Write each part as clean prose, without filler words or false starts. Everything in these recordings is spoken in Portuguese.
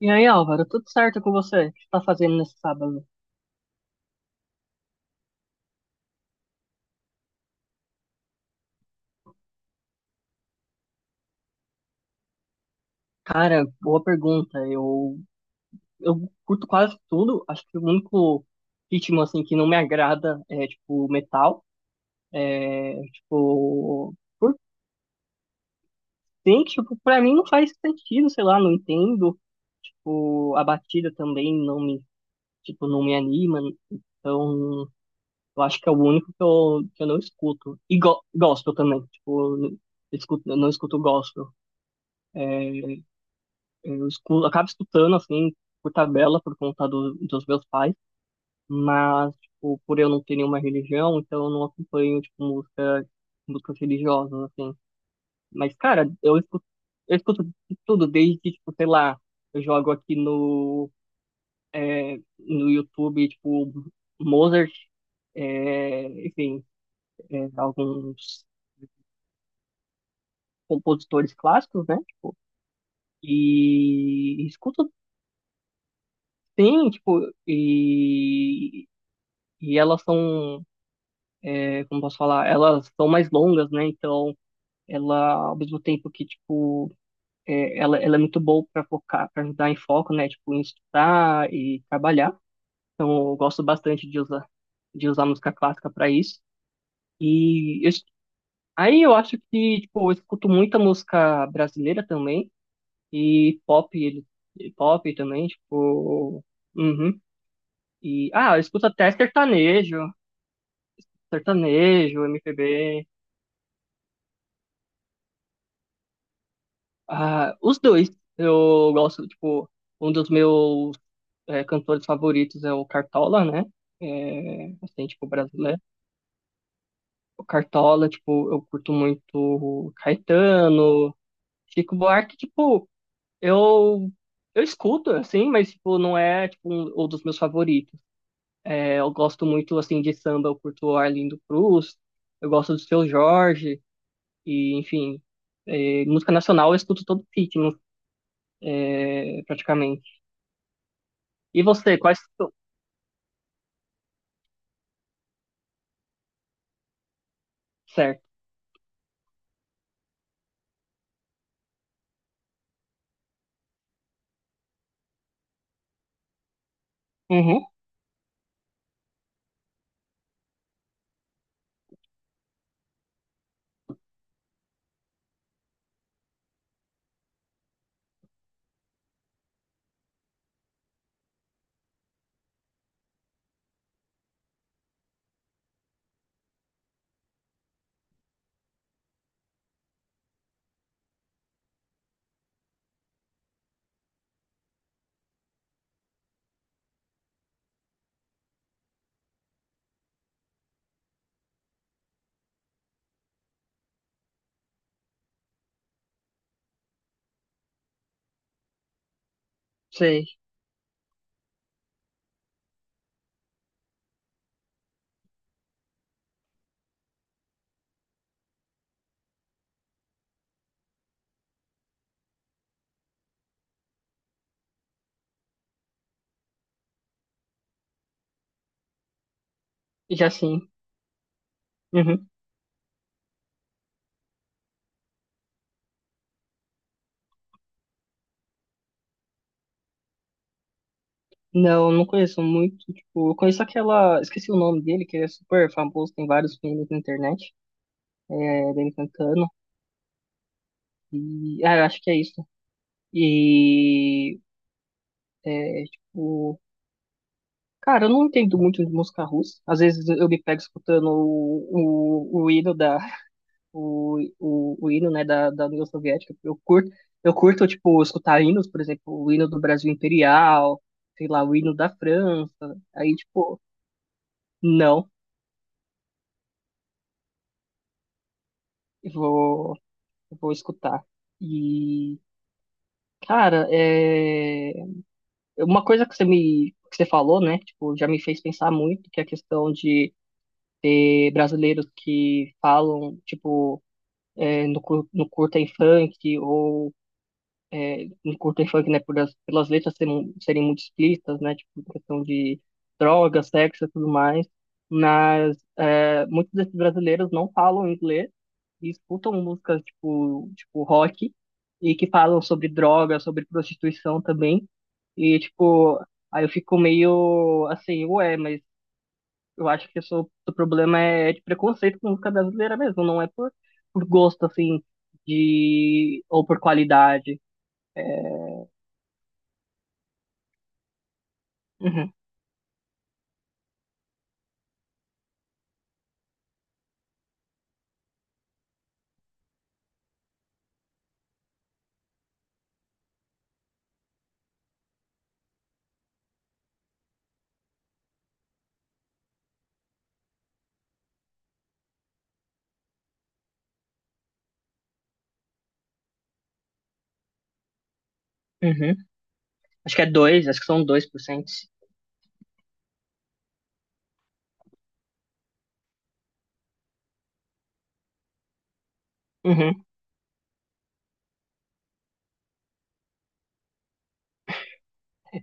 E aí, Álvaro, tudo certo com você? O que você tá fazendo nesse sábado? Cara, boa pergunta. Eu curto quase tudo. Acho que o único ritmo, assim, que não me agrada é, tipo, metal. Tipo, por tem que, tipo, pra mim não faz sentido, sei lá, não entendo. Tipo, a batida também não me, tipo, não me anima. Então, eu acho que é o único que eu não escuto. E go gospel também. Tipo, eu escuto, eu não escuto gospel. Acabo escutando, assim, por tabela, por conta dos meus pais, mas, tipo, por eu não ter nenhuma religião, então eu não acompanho, tipo, músicas religiosas, assim. Mas, cara, eu escuto de tudo, desde, tipo, sei lá, eu jogo aqui é, no YouTube, tipo, Mozart, é, enfim, é, alguns compositores clássicos, né? Tipo, e escuto, sim, tipo, e E elas são, é, como posso falar, elas são mais longas, né? Então, ela, ao mesmo tempo que, tipo, é, ela é muito boa para focar, para ajudar em foco, né? Tipo, em estudar e trabalhar. Então, eu gosto bastante de usar música clássica para isso. E eu es- Aí eu acho que, tipo, eu escuto muita música brasileira também e pop, ele, e pop também, tipo, uhum. E, ah, eu escuto até sertanejo, MPB. Ah, os dois. Eu gosto, tipo, um dos meus é, cantores favoritos é o Cartola, né? É, assim, tipo, brasileiro. O Cartola, tipo, eu curto muito Caetano, Chico Buarque, tipo, eu, eu escuto, assim, mas, tipo, não é, tipo, um dos meus favoritos. É, eu gosto muito, assim, de samba, eu curto Arlindo Cruz, eu gosto do Seu Jorge, e, enfim, é, música nacional eu escuto todo ritmo, é, praticamente. E você, quais... Certo. Uhum, sei. Já sim. Uhum. Não, não conheço muito. Tipo, eu conheço aquela. Esqueci o nome dele, que ele é super famoso, tem vários filmes na internet. É, dele cantando. E. Ah, eu acho que é isso. E. É, tipo. Cara, eu não entendo muito de música russa. Às vezes eu me pego escutando o hino da. O hino, né, da União Soviética. Eu curto, tipo, escutar hinos, por exemplo, o hino do Brasil Imperial, sei lá, o hino da França. Aí, tipo. Não, eu vou, eu vou escutar. E, cara, é... uma coisa que você falou, né? Tipo, já me fez pensar muito, que é a questão de ter brasileiros que falam, tipo, é, no curta em funk, ou no curta em funk, né? Pelas letras serem muito explícitas, né? Tipo, questão de drogas, sexo e tudo mais. Muitos desses brasileiros não falam inglês e escutam músicas tipo rock e que falam sobre droga, sobre prostituição também. E, tipo, aí eu fico meio assim, ué, mas eu acho que isso, o seu problema é de preconceito com música brasileira mesmo, não é por gosto, assim, de, ou por qualidade. Uhum, uhum. Acho que é dois, acho que são 2%. Uhum.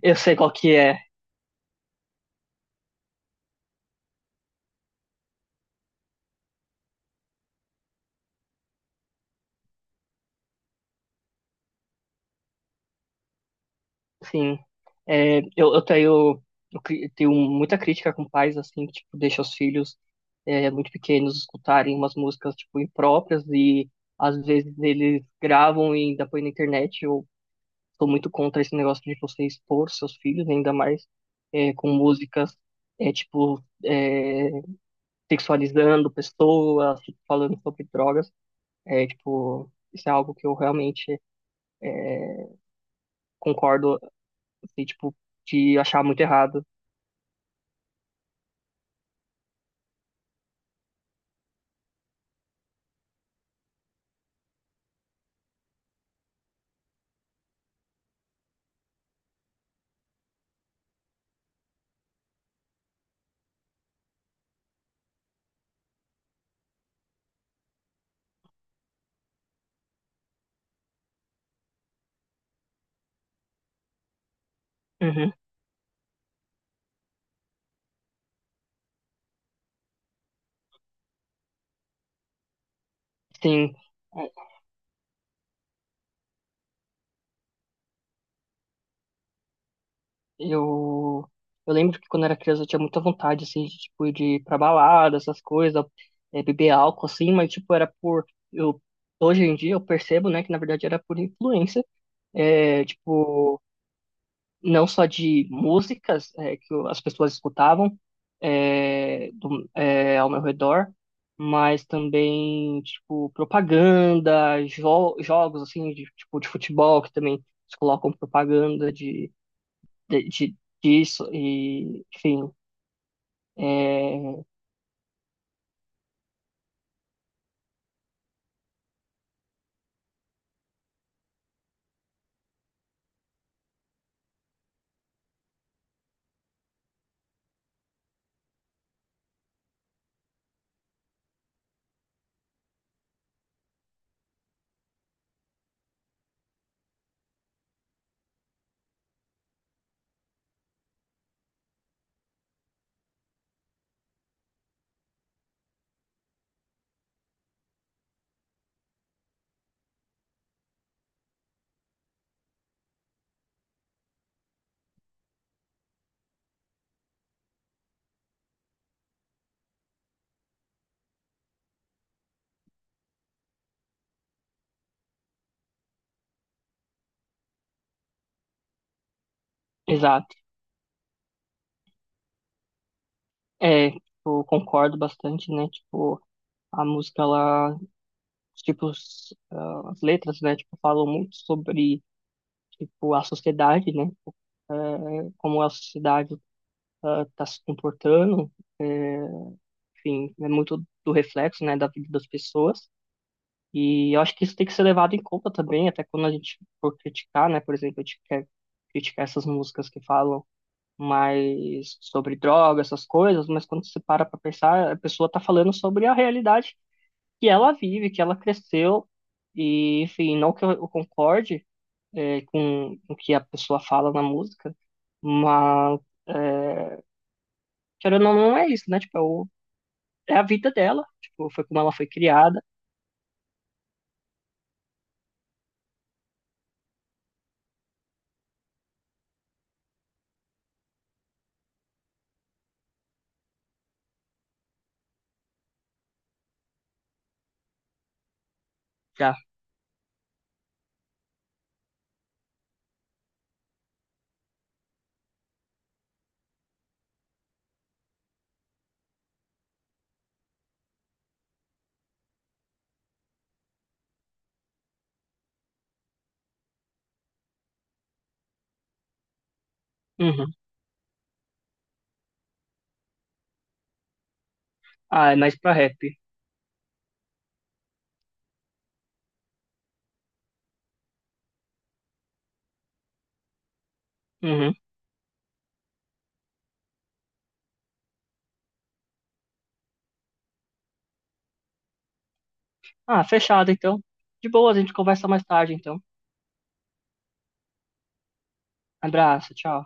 Eu sei qual que é. Sim, é, eu, tenho muita crítica com pais, assim, que, tipo, deixam os filhos é, muito pequenos escutarem umas músicas, tipo, impróprias e, às vezes, eles gravam e ainda põem na internet. Eu sou muito contra esse negócio de você expor seus filhos, ainda mais é, com músicas, é, tipo, é, sexualizando pessoas, tipo, falando sobre drogas. É, tipo, isso é algo que eu realmente concordo, assim, tipo, de achar muito errado. Uhum. Sim, é, eu, eu lembro que quando era criança eu tinha muita vontade, assim, de, tipo, de ir pra balada, essas coisas, é, beber álcool, assim, mas, tipo, era por... Eu, hoje em dia eu percebo, né, que na verdade era por influência, é, tipo, não só de músicas é, as pessoas escutavam é, é, ao meu redor, mas também, tipo, propaganda, jo jogos, assim, de, tipo, de futebol, que também eles colocam propaganda de, de- disso e, enfim, é, exato. É, tipo, eu concordo bastante, né? Tipo, a música, ela, tipo, as letras, né? Tipo, falam muito sobre, tipo, a sociedade, né? Tipo, eh, como a sociedade está se comportando, eh, enfim, é muito do reflexo, né, da vida das pessoas. E eu acho que isso tem que ser levado em conta também, até quando a gente for criticar, né? Por exemplo, a gente quer criticar essas músicas que falam mais sobre droga, essas coisas, mas quando você para para pensar, a pessoa tá falando sobre a realidade que ela vive, que ela cresceu, e enfim, não que eu concorde é, com o que a pessoa fala na música, mas é, querendo ou não, não é isso, né? Tipo, é, o- é a vida dela, tipo, foi como ela foi criada, já. Uhum. Ah, é mais pra rap. Uhum. Ah, fechado então. De boa, a gente conversa mais tarde então. Abraço, tchau.